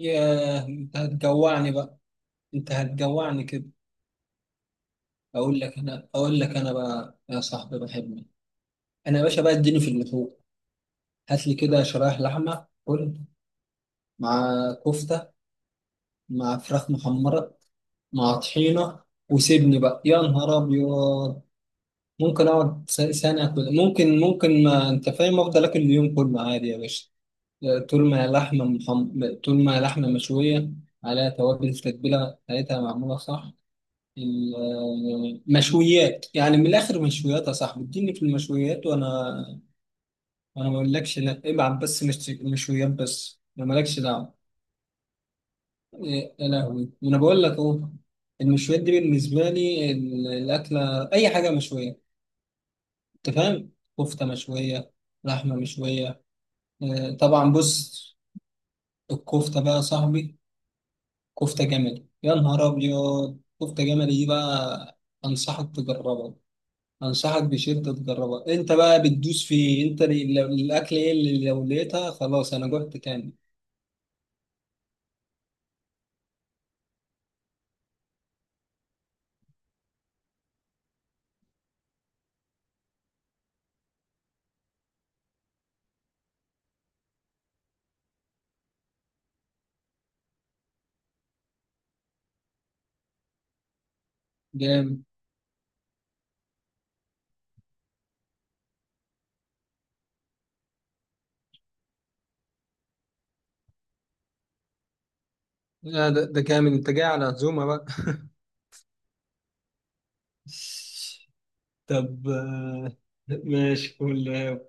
ياه، انت هتجوعني بقى. انت هتجوعني كده. اقول لك انا بقى يا صاحبي بحبك. انا يا باشا بقى اديني في اللحوم. هات لي كده شرايح لحمه كل، مع كفته، مع فراخ محمره، مع طحينه. وسيبني بقى يا نهار ابيض. ممكن اقعد سنه كده. ممكن، ما انت فاهم، افضل اكل اليوم كله عادي يا باشا. طول ما هي طول ما هي لحمه مشويه، عليها توابل، تتبيله بتاعتها معموله صح. المشويات، يعني من الاخر مشويات يا صاحبي، اديني في المشويات. وانا ما اقولكش لا، ابعت بس مشويات بس، انا مالكش دعوه. إيه، يا لهوي، ما انا بقول لك اهو. المشويات دي بالنسبه لي الاكله، اي حاجه مشويه، انت فاهم. كفته مشويه، لحمه مشويه. إيه، طبعا بص. الكفته بقى يا صاحبي، كفته جملي يا نهار ابيض، كفته جملي دي بقى. انصحك تجربها، انصحك بشدة تجربها. انت بقى بتدوس في انت الاكل، ايه اللي لو لقيتها خلاص انا جوعت كامل. جامد. آه ده كامل، انت جاي على عزومة بقى. طب، ماشي قول.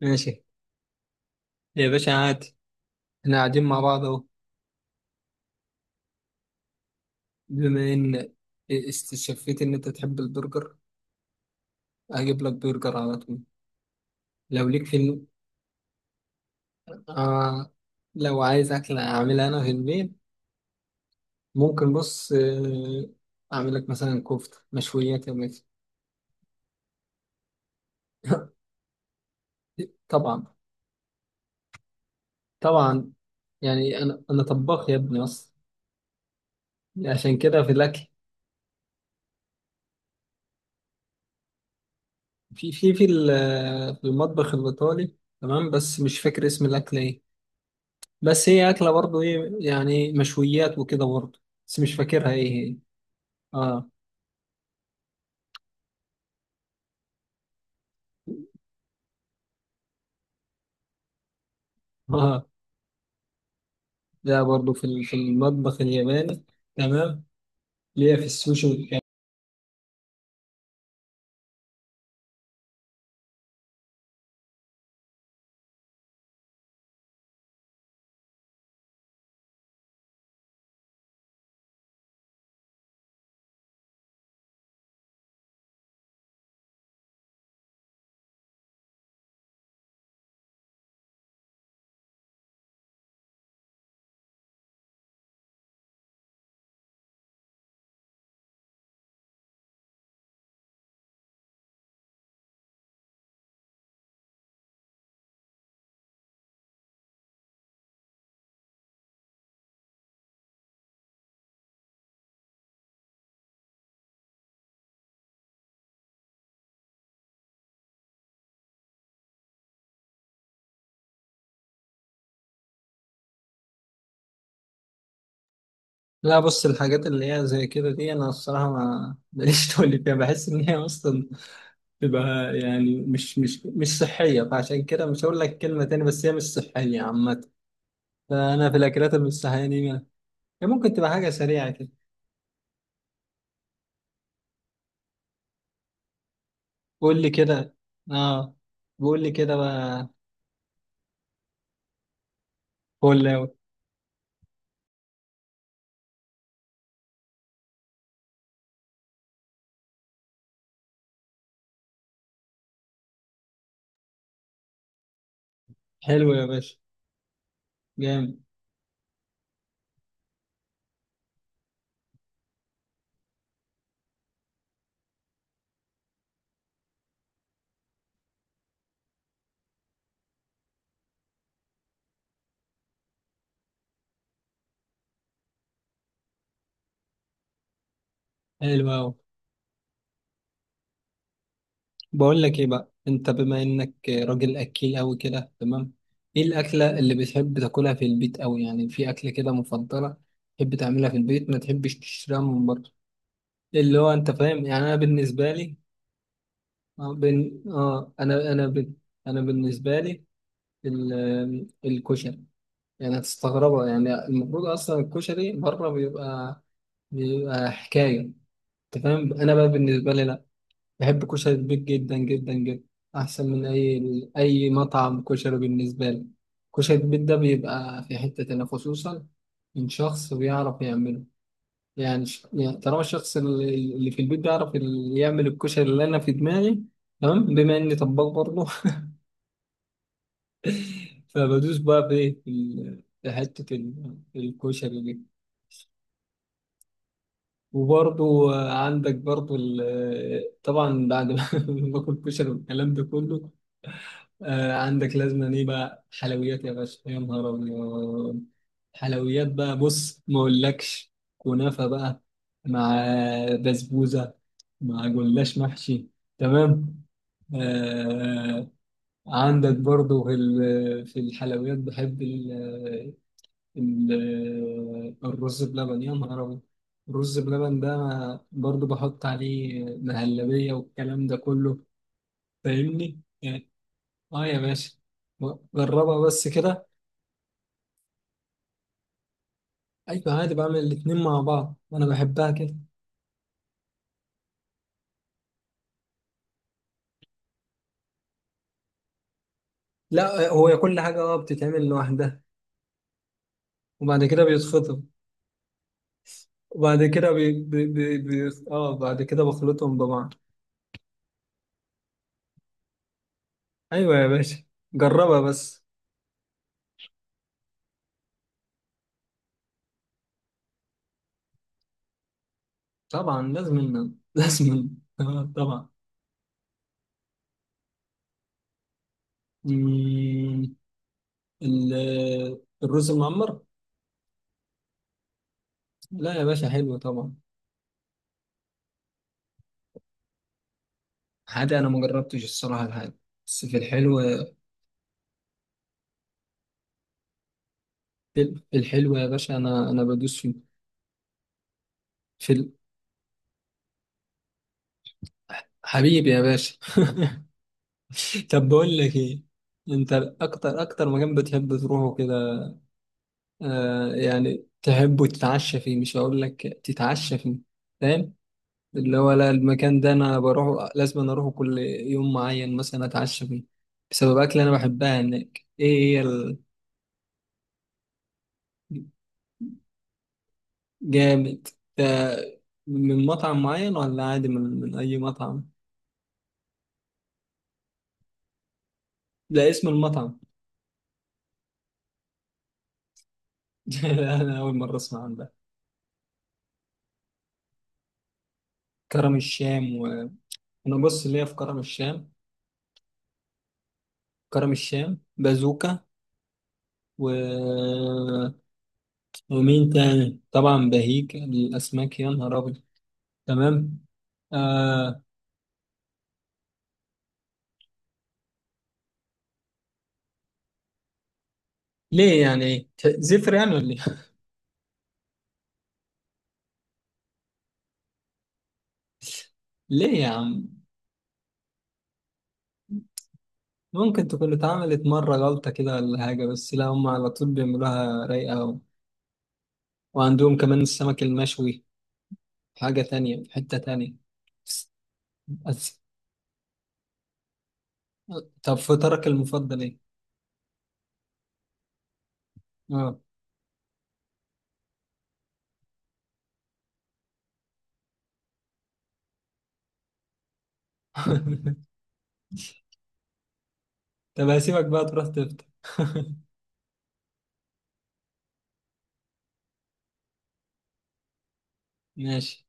ماشي يا باشا، عادي. احنا قاعدين مع بعض اهو. بما ان استشفيت ان انت تحب البرجر، هجيب لك برجر على طول. لو ليك في الم... آه، لو عايز اكلة اعملها انا في البيت، ممكن، بص، اعمل لك مثلا كفته، مشويات يا ميت. طبعا. طبعا. يعني، انا طباخ يا ابني اصلا، عشان كده في الاكل. في في في ال- آه، في المطبخ الايطالي، تمام، بس مش فاكر اسم الاكله ايه. بس هي اكله برضه، ايه، يعني مشويات وكده برضه. بس مش فاكرها ايه هي. اه. اه. ده برضه في في المطبخ الياباني، تمام، اللي هي في السوشي والكلام. لا، بص، الحاجات اللي هي زي كده دي، انا الصراحه ما ماليش تقول فيها. بحس ان هي اصلا بتبقى، يعني مش صحيه، فعشان كده مش هقول لك كلمه تاني، بس هي مش صحيه عامه. فانا في الاكلات المش صحيه دي، هي ممكن تبقى حاجه سريعه كده. قول لي كده. اه، بقول لي كده بقى. فول أوي. حلو يا باشا. جامد. حلو أوي. بقول لك ايه بقى، انت بما انك راجل اكيل قوي كده، تمام، ايه الاكله اللي بتحب تاكلها في البيت قوي؟ يعني في اكله كده مفضله تحب تعملها في البيت، ما تحبش تشتريها من بره، اللي هو انت فاهم يعني. انا بالنسبه لي اه, بن... آه انا انا ب... انا بالنسبه لي الكشري. يعني هتستغربها، يعني المفروض اصلا الكشري بره بيبقى، بيبقى حكايه. انت فاهم. انا بقى بالنسبه لي لا، بحب كشري البيك جدا جدا جدا. أحسن من أي مطعم كشري بالنسبة لي. كشري البيك ده بيبقى في حتة تانية، خصوصا من شخص بيعرف يعمله. يعني طالما الشخص اللي في البيت بيعرف يعمل الكشري اللي أنا في دماغي، تمام، بما إني طباخ برضه. فبدوس بقى في إيه؟ في في حتة الكشري دي. وبرضه عندك، برضه طبعا، بعد ما باكل كشري والكلام ده كله، آه عندك لازم ايه بقى؟ حلويات يا باشا يا نهار ابيض. حلويات بقى، بص، ما اقولكش كنافه بقى، مع بسبوسه، مع جلاش محشي، تمام. آه، عندك برضو في في الحلويات، بحب ال ال الرز بلبن يا نهار ابيض. الرز بلبن ده برضو بحط عليه مهلبيه والكلام ده كله. فاهمني؟ اه يا باشا، جربها بس كده. ايوه، عادي، بعمل الاتنين مع بعض وانا بحبها كده. لا، هو كل حاجه اه بتتعمل لوحدها، وبعد كده بيتخطب، وبعد كده بي... بي... بي... بي... اه بعد كده بخلطهم ببعض. ايوه يا باشا، جربها بس. طبعا لازم. لازم. آه طبعا. مم، ال... الرز المعمر. لا يا باشا، حلو طبعا. حادق؟ انا ما جربتش الصراحه الحادق، بس في الحلو. في الحلو يا باشا، انا بدوس فيه في. حبيبي يا باشا. طب بقول لك ايه. انت اكتر مكان بتحب تروحه كده، آه يعني، تحبه تتعشى فيه، مش هقول لك تتعشى فيه، فاهم، اللي هو لا، المكان ده انا بروحه، لازم أنا اروحه كل يوم معين مثلا اتعشى فيه، بسبب اكل انا بحبها هناك، ايه هي؟ الجامد ده من مطعم معين، ولا عادي من اي مطعم؟ لا، اسم المطعم. لا، انا اول مره اسمع عن ده. كرم الشام. وانا، بص ليا في كرم الشام، كرم الشام بازوكا، و... ومين تاني، طبعا بهيج الاسماك يا نهار ابيض، تمام. آه. ليه يعني؟ زفر يعني ولا ايه؟ ليه يا عم؟ ممكن تكون اتعملت مرة غلطة كده ولا حاجة، بس لا، هم على طول بيعملوها رايقة وعندهم كمان السمك المشوي، حاجة تانية في حتة تانية. بس... بس... طب، فطرك المفضل ايه؟ اه. طب هسيبك بقى تروح تفطر. ماشي.